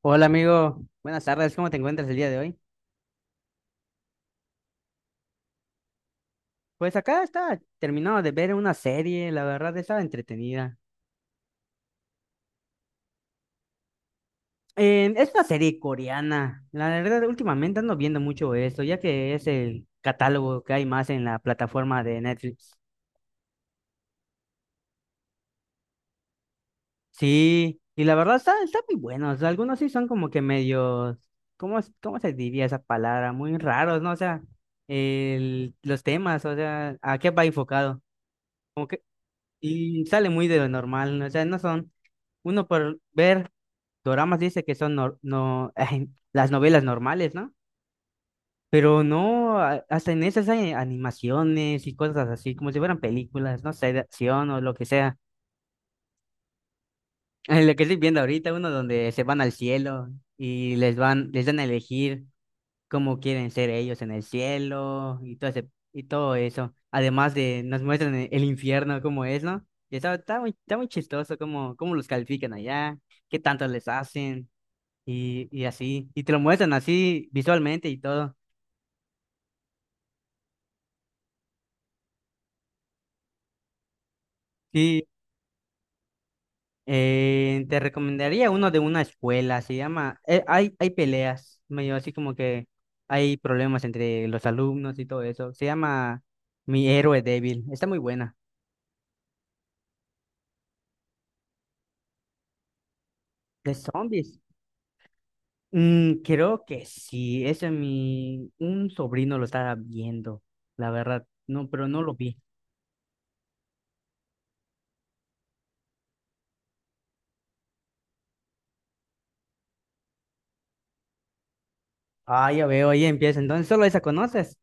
Hola amigo, buenas tardes, ¿cómo te encuentras el día de hoy? Pues acá está terminado de ver una serie, la verdad estaba entretenida. Es una serie coreana, la verdad últimamente ando viendo mucho esto, ya que es el catálogo que hay más en la plataforma de Netflix. Sí, y la verdad está muy buenos, algunos sí son como que medios, ¿cómo, cómo se diría esa palabra? Muy raros, ¿no? O sea, los temas, o sea, ¿a qué va enfocado? Y sale muy de lo normal, ¿no? O sea, no son, uno por ver doramas dice que son no, las novelas normales, ¿no? Pero no, hasta en esas hay animaciones y cosas así, como si fueran películas, no sé, de acción o lo que sea. Lo que estoy viendo ahorita, uno donde se van al cielo y les dan a elegir cómo quieren ser ellos en el cielo y todo eso. Además de nos muestran el infierno cómo es, ¿no? Y está muy chistoso cómo, cómo los califican allá, qué tanto les hacen y así. Y te lo muestran así visualmente y todo. Sí, te recomendaría uno de una escuela, se llama, hay, hay peleas, medio así como que hay problemas entre los alumnos y todo eso. Se llama Mi Héroe Débil, está muy buena. De zombies. Mm, creo que sí, ese mi, un sobrino lo estaba viendo, la verdad, no, pero no lo vi. Ah, ya veo, ahí empieza, entonces solo esa conoces.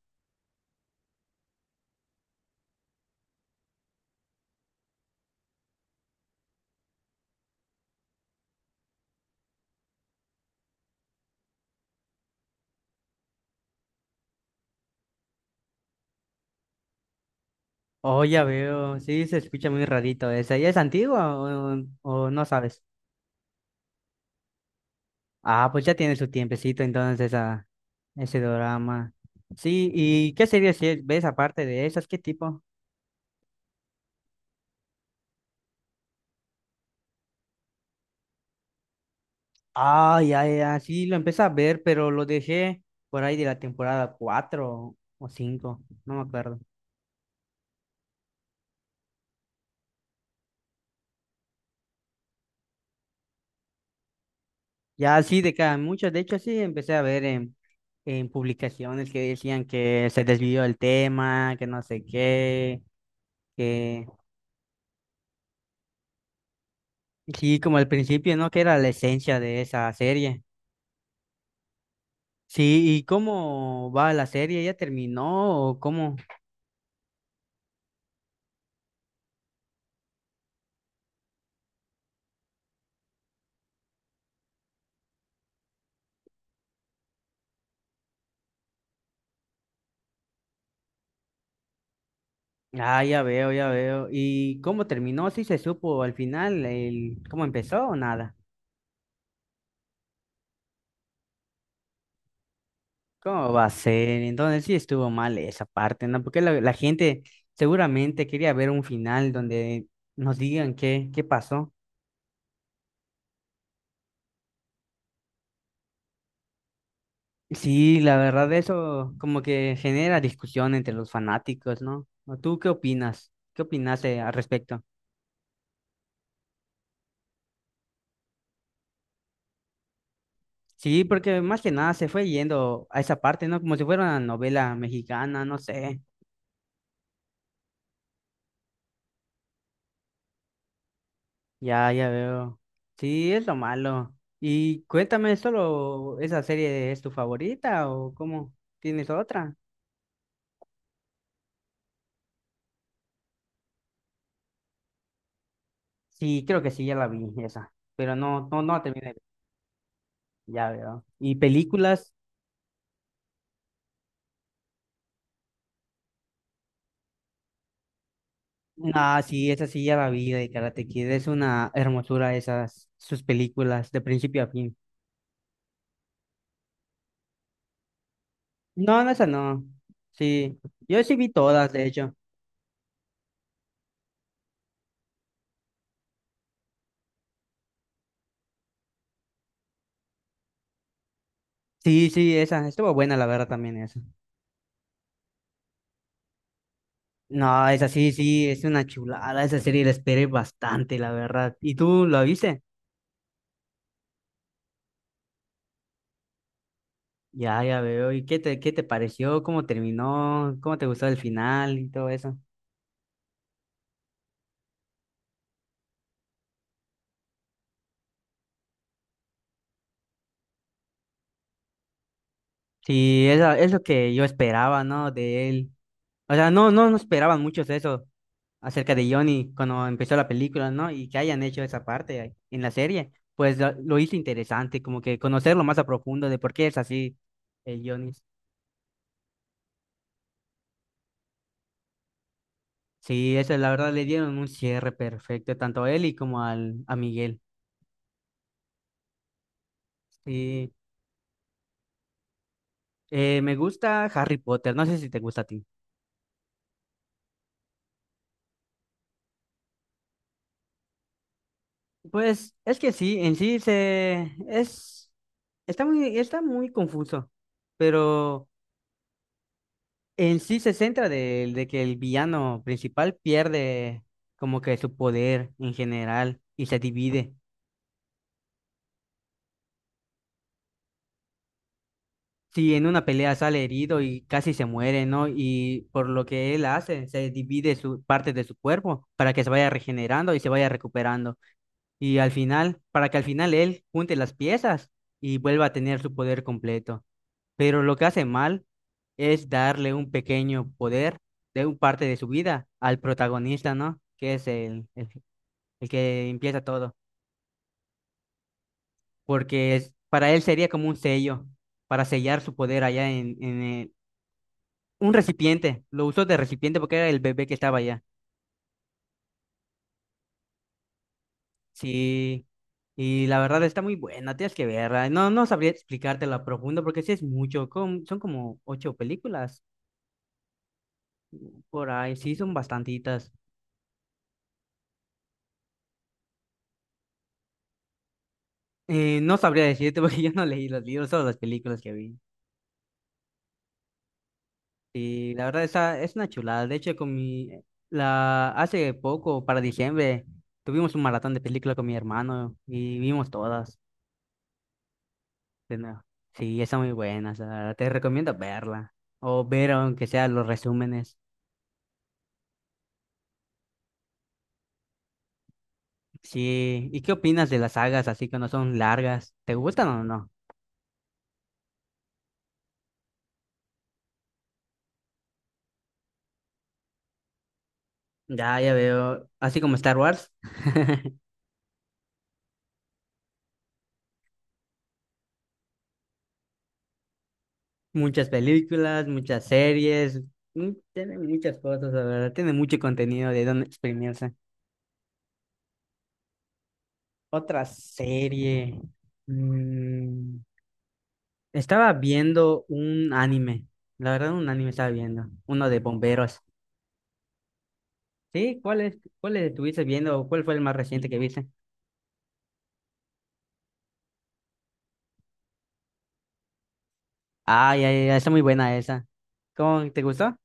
Oh, ya veo, sí, se escucha muy rarito esa, ¿y es antigua o no sabes? Ah, pues ya tiene su tiempecito entonces esa, ese drama. Sí, ¿y qué series sí ves aparte de esas? ¿Qué tipo? Ah, ya, ya, sí, lo empecé a ver, pero lo dejé por ahí de la temporada 4 o 5 no me acuerdo. Ya sí, de cada muchas. De hecho, sí, empecé a ver en publicaciones que decían que se desvió el tema, que no sé qué, que sí, como al principio, ¿no? Que era la esencia de esa serie. Sí, ¿y cómo va la serie? ¿Ya terminó o cómo? Ah, ya veo, ya veo. ¿Y cómo terminó? ¿Sí se supo al final el cómo empezó o nada? ¿Cómo va a ser? Entonces sí estuvo mal esa parte, ¿no? Porque la gente seguramente quería ver un final donde nos digan qué, qué pasó. Sí, la verdad eso como que genera discusión entre los fanáticos, ¿no? ¿O ¿Tú qué opinas? ¿Qué opinaste al respecto? Sí, porque más que nada se fue yendo a esa parte, ¿no? Como si fuera una novela mexicana, no sé. Ya, ya veo. Sí, es lo malo. Y cuéntame, ¿solo esa serie es tu favorita o cómo? ¿Tienes otra? Sí, creo que sí, ya la vi esa, pero no, no, no terminé, ya veo. Y películas, ah, sí, esa sí ya la vi de Karate Kid, es una hermosura esas, sus películas, de principio a fin. No, no, esa no, sí, yo sí vi todas, de hecho. Sí, sí, esa, estuvo buena la verdad también esa. No, esa sí, sí, es una chulada, esa serie la esperé bastante, la verdad. ¿Y tú lo viste? Ya, ya veo, ¿y qué te pareció? ¿Cómo terminó? ¿Cómo te gustó el final y todo eso? Sí, es, es lo que yo esperaba, ¿no? De él. O sea, no, no, no esperaban muchos eso acerca de Johnny cuando empezó la película, ¿no? Y que hayan hecho esa parte ahí en la serie, pues lo hizo interesante, como que conocerlo más a profundo de por qué es así, Johnny. Sí, eso la verdad le dieron un cierre perfecto, tanto a él y como al, a Miguel. Sí, me gusta Harry Potter, no sé si te gusta a ti. Pues es que sí, en sí se es está muy confuso, pero en sí se centra de que el villano principal pierde como que su poder en general y se divide. Si en una pelea sale herido y casi se muere, ¿no? Y por lo que él hace, se divide su parte de su cuerpo para que se vaya regenerando y se vaya recuperando. Y al final, para que al final él junte las piezas y vuelva a tener su poder completo. Pero lo que hace mal es darle un pequeño poder de un parte de su vida al protagonista, ¿no? Que es el que empieza todo. Porque es, para él sería como un sello para sellar su poder allá en, un recipiente. Lo usó de recipiente porque era el bebé que estaba allá. Sí. Y la verdad está muy buena, tienes que verla. No, no sabría explicártelo a profundo porque sí es mucho. Son como ocho películas por ahí. Sí, son bastantitas. No sabría decirte porque yo no leí los libros, solo las películas que vi. Y la verdad esa es una chulada. De hecho, con mi la hace poco, para diciembre, tuvimos un maratón de películas con mi hermano y vimos todas de nuevo. Sí, está muy buena, o sea, te recomiendo verla o ver aunque sea los resúmenes. Sí, ¿y qué opinas de las sagas así que no son largas? ¿Te gustan o no? Ya, ya veo, así como Star Wars. Muchas películas, muchas series, tiene muchas cosas, la verdad. Tiene mucho contenido de dónde exprimirse. Otra serie. mm, Estaba viendo un anime. La verdad, un anime estaba viendo. Uno de bomberos. ¿Sí? ¿Cuál es, cuál estuviste viendo o cuál fue el más reciente que viste? Ay, ay, ay, está muy buena esa. ¿Cómo te gustó?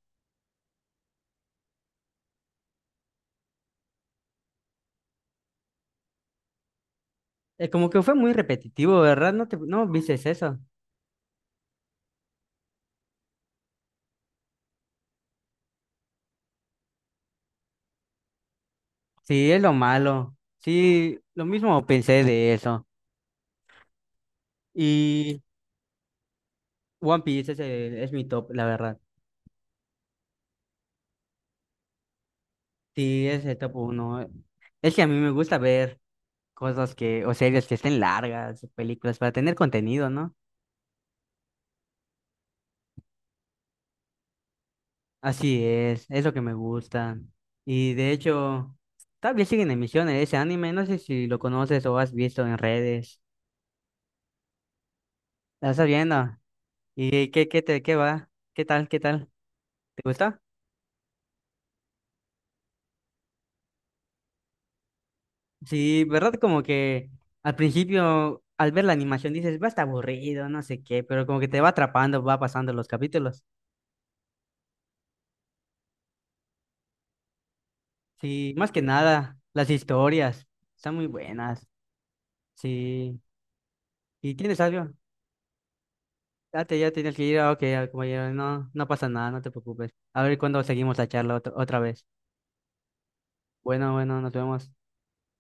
Como que fue muy repetitivo, ¿verdad? No te, no viste eso. Sí, es lo malo. Sí, lo mismo pensé de eso. Y One Piece es, es mi top, la verdad. Sí, es el top uno. Es que a mí me gusta ver cosas que, o series que estén largas, o películas, para tener contenido, ¿no? Así es lo que me gusta. Y de hecho, todavía sigue en emisión ese anime, no sé si lo conoces o has visto en redes. ¿La estás viendo? ¿Y qué, qué te, qué va? ¿Qué tal? ¿Qué tal? ¿Te gusta? Sí, ¿verdad? Como que al principio, al ver la animación, dices, va a estar aburrido, no sé qué, pero como que te va atrapando, va pasando los capítulos. Sí, más que nada, las historias están muy buenas. Sí, ¿y tienes algo? Ya te, ya tienes que ir, ah, ok, ah, compañero, no, no pasa nada, no te preocupes. A ver cuándo seguimos la charla otra, otra vez. Bueno, bueno, nos vemos.